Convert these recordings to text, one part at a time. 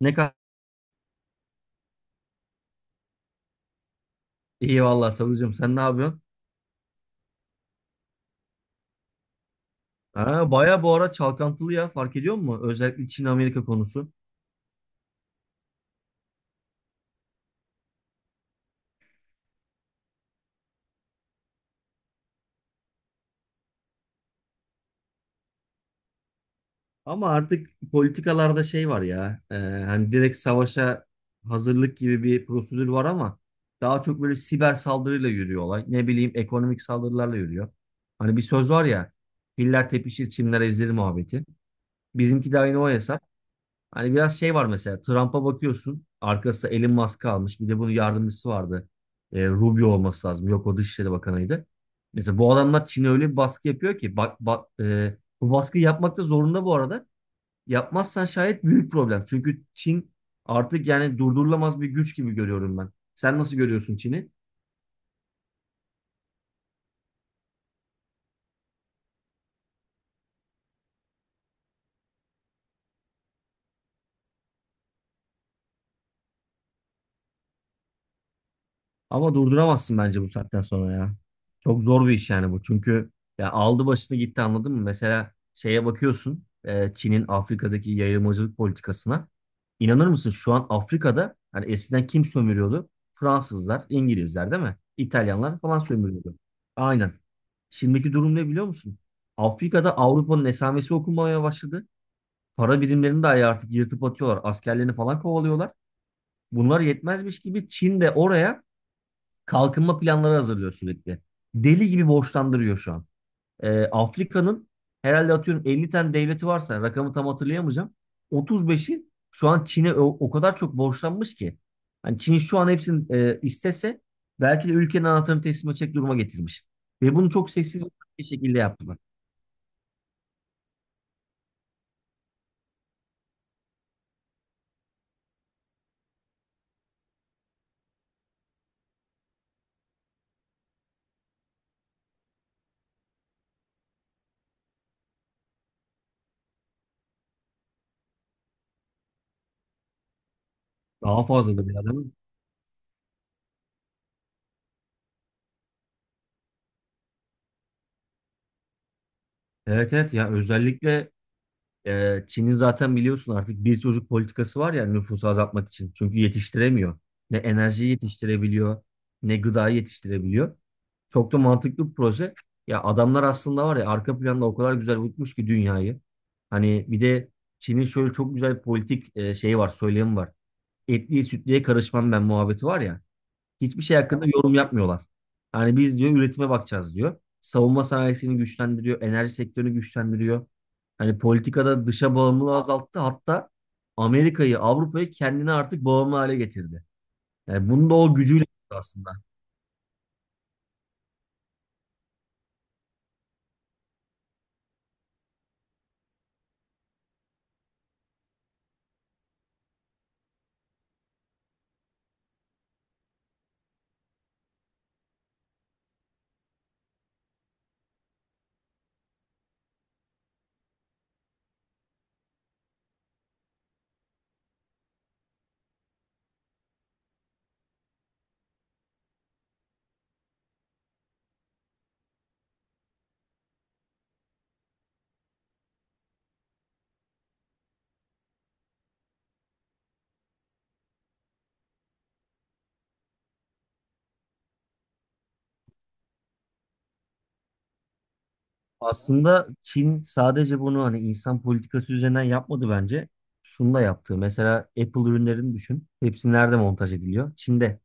Ne kadar iyi vallahi Savucuğum, sen ne yapıyorsun? Ha, baya bu ara çalkantılı ya, fark ediyor musun? Özellikle Çin-Amerika konusu. Ama artık politikalarda şey var ya, hani direkt savaşa hazırlık gibi bir prosedür var ama daha çok böyle siber saldırıyla yürüyor olay. Ne bileyim, ekonomik saldırılarla yürüyor. Hani bir söz var ya, filler tepişir çimler ezilir muhabbeti. Bizimki de aynı o hesap. Hani biraz şey var, mesela Trump'a bakıyorsun, arkasında Elon Musk almış, bir de bunun yardımcısı vardı. Rubio olması lazım. Yok, o Dışişleri Bakanı'ydı. Mesela bu adamlar Çin'e öyle bir baskı yapıyor ki bak, bak, bu baskıyı yapmak da zorunda bu arada. Yapmazsan şayet büyük problem. Çünkü Çin artık yani durdurulamaz bir güç gibi görüyorum ben. Sen nasıl görüyorsun Çin'i? Ama durduramazsın bence bu saatten sonra ya. Çok zor bir iş yani bu. Çünkü ya aldı başını gitti, anladın mı? Mesela şeye bakıyorsun, Çin'in Afrika'daki yayılmacılık politikasına. İnanır mısın, şu an Afrika'da hani eskiden kim sömürüyordu? Fransızlar, İngilizler değil mi? İtalyanlar falan sömürüyordu. Aynen. Şimdiki durum ne, biliyor musun? Afrika'da Avrupa'nın esamesi okunmaya başladı. Para birimlerini de artık yırtıp atıyorlar. Askerlerini falan kovalıyorlar. Bunlar yetmezmiş gibi Çin de oraya kalkınma planları hazırlıyor sürekli. Deli gibi borçlandırıyor şu an. Afrika'nın herhalde, atıyorum, 50 tane devleti varsa, rakamı tam hatırlayamayacağım. 35'i şu an Çin'e o kadar çok borçlanmış ki. Hani Çin şu an hepsini, istese belki de ülkenin anahtarını teslim edecek duruma getirmiş. Ve bunu çok sessiz bir şekilde yaptılar. Daha fazla da bir adam. Evet, evet ya, özellikle Çin'in zaten biliyorsun, artık bir çocuk politikası var ya nüfusu azaltmak için. Çünkü yetiştiremiyor. Ne enerjiyi yetiştirebiliyor, ne gıdayı yetiştirebiliyor. Çok da mantıklı bir proje. Ya adamlar aslında var ya, arka planda o kadar güzel yutmuş ki dünyayı. Hani bir de Çin'in şöyle çok güzel bir politik, şeyi var, söylemi var. Etliye sütlüye karışmam ben muhabbeti var ya. Hiçbir şey hakkında yorum yapmıyorlar. Hani biz, diyor, üretime bakacağız, diyor. Savunma sanayisini güçlendiriyor, enerji sektörünü güçlendiriyor. Hani politikada dışa bağımlılığı azalttı. Hatta Amerika'yı, Avrupa'yı kendine artık bağımlı hale getirdi. Yani bunu da o gücüyle yaptı aslında. Aslında Çin sadece bunu hani insan politikası üzerinden yapmadı bence. Şunu da yaptı. Mesela Apple ürünlerini düşün. Hepsi nerede montaj ediliyor? Çin'de.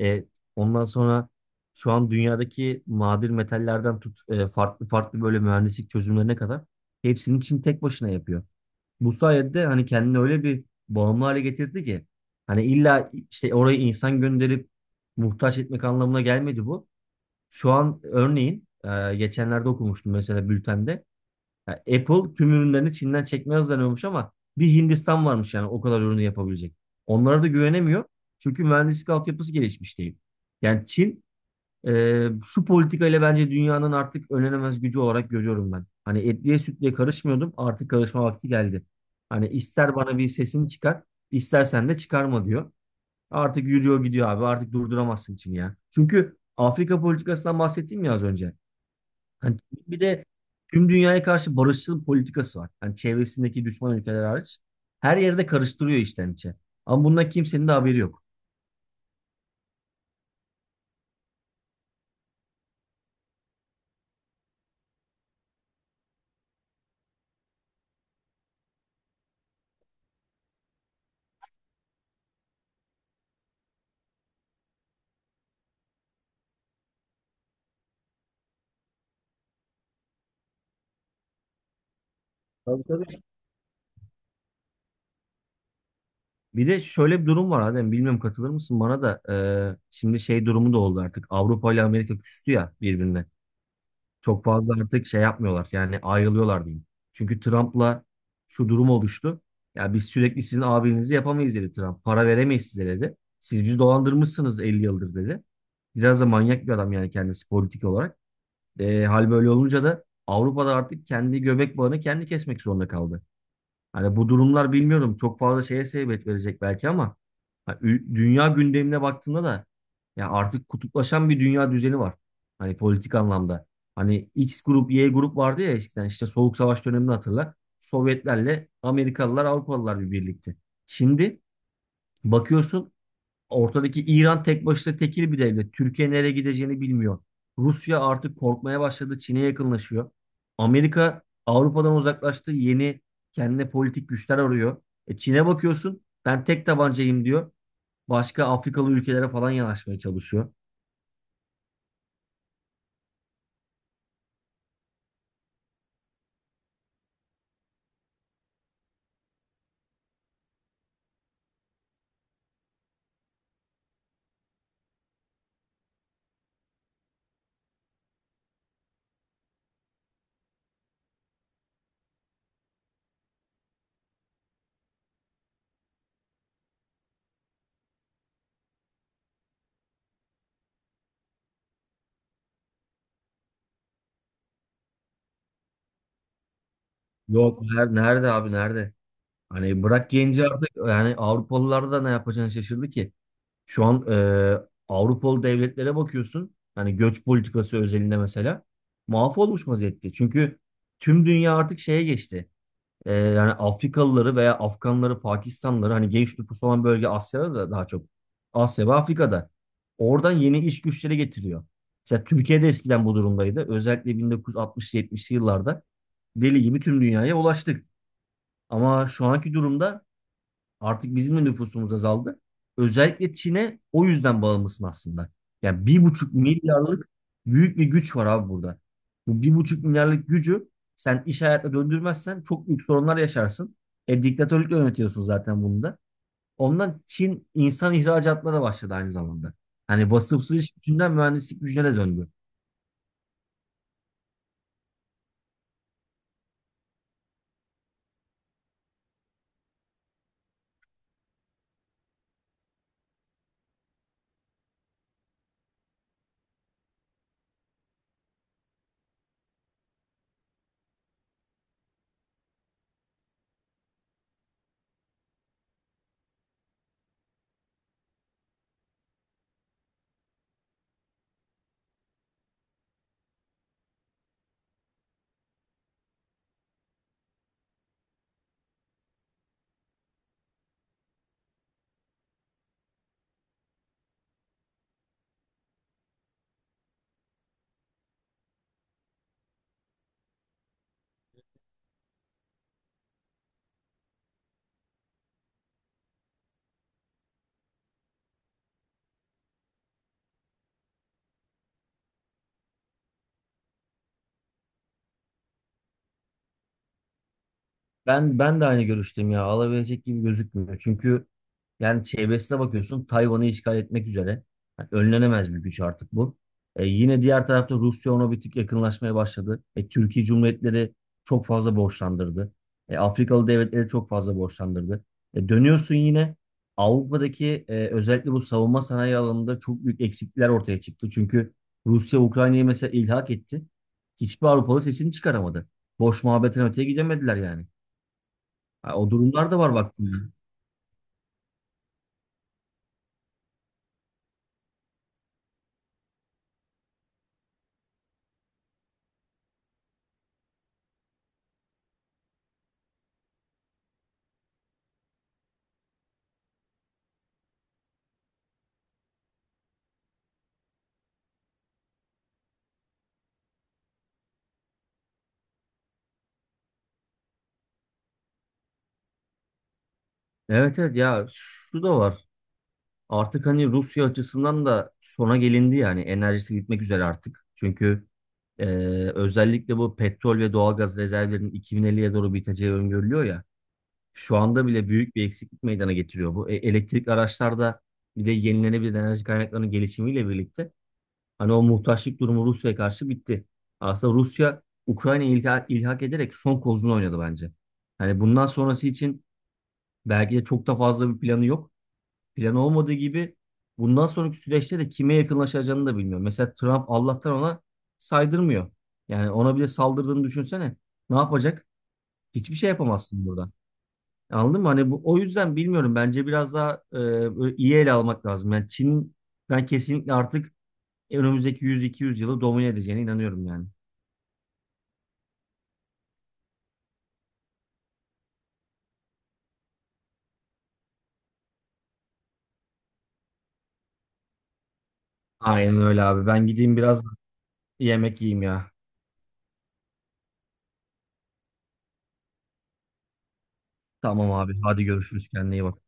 E, ondan sonra şu an dünyadaki nadir metallerden tut, farklı farklı böyle mühendislik çözümlerine kadar hepsini Çin tek başına yapıyor. Bu sayede de hani kendini öyle bir bağımlı hale getirdi ki, hani illa işte oraya insan gönderip muhtaç etmek anlamına gelmedi bu. Şu an örneğin, geçenlerde okumuştum mesela bültende. Ya Apple tüm ürünlerini Çin'den çekmeye hazırlanıyormuş ama bir Hindistan varmış yani o kadar ürünü yapabilecek. Onlara da güvenemiyor. Çünkü mühendislik altyapısı gelişmiş değil. Yani Çin, şu politikayla bence dünyanın artık önlenemez gücü olarak görüyorum ben. Hani etliye sütlüye karışmıyordum, artık karışma vakti geldi. Hani ister bana bir sesini çıkar, istersen de çıkarma diyor. Artık yürüyor gidiyor abi. Artık durduramazsın Çin'i ya. Çünkü Afrika politikasından bahsettiğim ya az önce. Hani bir de tüm dünyaya karşı barışçıl politikası var. Hani çevresindeki düşman ülkeler hariç. Her yerde karıştırıyor içten içe. Ama bundan kimsenin de haberi yok. Tabii, tabii. Bir de şöyle bir durum var Adem. Bilmiyorum, katılır mısın bana da. Şimdi şey durumu da oldu artık. Avrupa ile Amerika küstü ya birbirine. Çok fazla artık şey yapmıyorlar. Yani ayrılıyorlar diyeyim. Çünkü Trump'la şu durum oluştu. Ya biz sürekli sizin abinizi yapamayız dedi Trump. Para veremeyiz size dedi. Siz bizi dolandırmışsınız 50 yıldır dedi. Biraz da manyak bir adam yani kendisi politik olarak. Hal böyle olunca da Avrupa'da artık kendi göbek bağını kendi kesmek zorunda kaldı. Hani bu durumlar bilmiyorum çok fazla şeye sebebiyet verecek belki ama ha, dünya gündemine baktığında da ya artık kutuplaşan bir dünya düzeni var. Hani politik anlamda. Hani X grup, Y grup vardı ya eskiden, işte Soğuk Savaş dönemini hatırla. Sovyetlerle Amerikalılar, Avrupalılar bir birlikte. Şimdi bakıyorsun, ortadaki İran tek başına tekil bir devlet. Türkiye nereye gideceğini bilmiyor. Rusya artık korkmaya başladı. Çin'e yakınlaşıyor. Amerika Avrupa'dan uzaklaştı. Yeni kendine politik güçler arıyor. E Çin'e bakıyorsun. Ben tek tabancayım diyor. Başka Afrikalı ülkelere falan yanaşmaya çalışıyor. Yok, nerede abi, nerede? Hani bırak genci, artık yani Avrupalılar da ne yapacağını şaşırdı ki. Şu an, Avrupalı devletlere bakıyorsun. Hani göç politikası özelinde mesela mahvolmuş vaziyette. Çünkü tüm dünya artık şeye geçti. Yani Afrikalıları veya Afganları, Pakistanlıları, hani genç nüfus olan bölge Asya'da da daha çok. Asya ve Afrika'da. Oradan yeni iş güçleri getiriyor. Mesela Türkiye'de eskiden bu durumdaydı. Özellikle 1960-70'li yıllarda deli gibi tüm dünyaya ulaştık. Ama şu anki durumda artık bizim de nüfusumuz azaldı. Özellikle Çin'e o yüzden bağımlısın aslında. Yani 1,5 milyarlık büyük bir güç var abi burada. Bu 1,5 milyarlık gücü sen iş hayatına döndürmezsen çok büyük sorunlar yaşarsın. E diktatörlükle yönetiyorsun zaten bunu da. Ondan Çin insan ihracatına da başladı aynı zamanda. Hani vasıfsız iş gücünden mühendislik gücüne de döndü. Ben de aynı görüşteyim ya. Alabilecek gibi gözükmüyor. Çünkü yani çevresine bakıyorsun, Tayvan'ı işgal etmek üzere. Yani önlenemez bir güç artık bu. Yine diğer tarafta Rusya ona bir tık yakınlaşmaya başladı. Türkiye Cumhuriyetleri çok fazla borçlandırdı. Afrikalı devletleri çok fazla borçlandırdı. Dönüyorsun yine Avrupa'daki, özellikle bu savunma sanayi alanında çok büyük eksiklikler ortaya çıktı. Çünkü Rusya Ukrayna'yı mesela ilhak etti. Hiçbir Avrupalı sesini çıkaramadı. Boş muhabbetten öteye gidemediler yani. Ha, o durumlar da var baktığında. Evet, evet ya, şu da var. Artık hani Rusya açısından da sona gelindi yani, enerjisi gitmek üzere artık. Çünkü e, özellikle bu petrol ve doğalgaz rezervlerinin 2050'ye doğru biteceği öngörülüyor ya. Şu anda bile büyük bir eksiklik meydana getiriyor bu. E, elektrikli araçlarda bir de yenilenebilir enerji kaynaklarının gelişimiyle birlikte hani o muhtaçlık durumu Rusya'ya karşı bitti. Aslında Rusya Ukrayna'yı ilhak ederek son kozunu oynadı bence. Hani bundan sonrası için belki de çok da fazla bir planı yok. Planı olmadığı gibi bundan sonraki süreçte de kime yakınlaşacağını da bilmiyor. Mesela Trump Allah'tan ona saydırmıyor. Yani ona bile saldırdığını düşünsene. Ne yapacak? Hiçbir şey yapamazsın burada. Anladın mı? Hani bu o yüzden bilmiyorum. Bence biraz daha, böyle iyi ele almak lazım. Yani Çin, ben kesinlikle artık önümüzdeki 100-200 yılı domine edeceğine inanıyorum yani. Aynen öyle abi. Ben gideyim biraz yemek yiyeyim ya. Tamam abi. Hadi görüşürüz. Kendine iyi bak.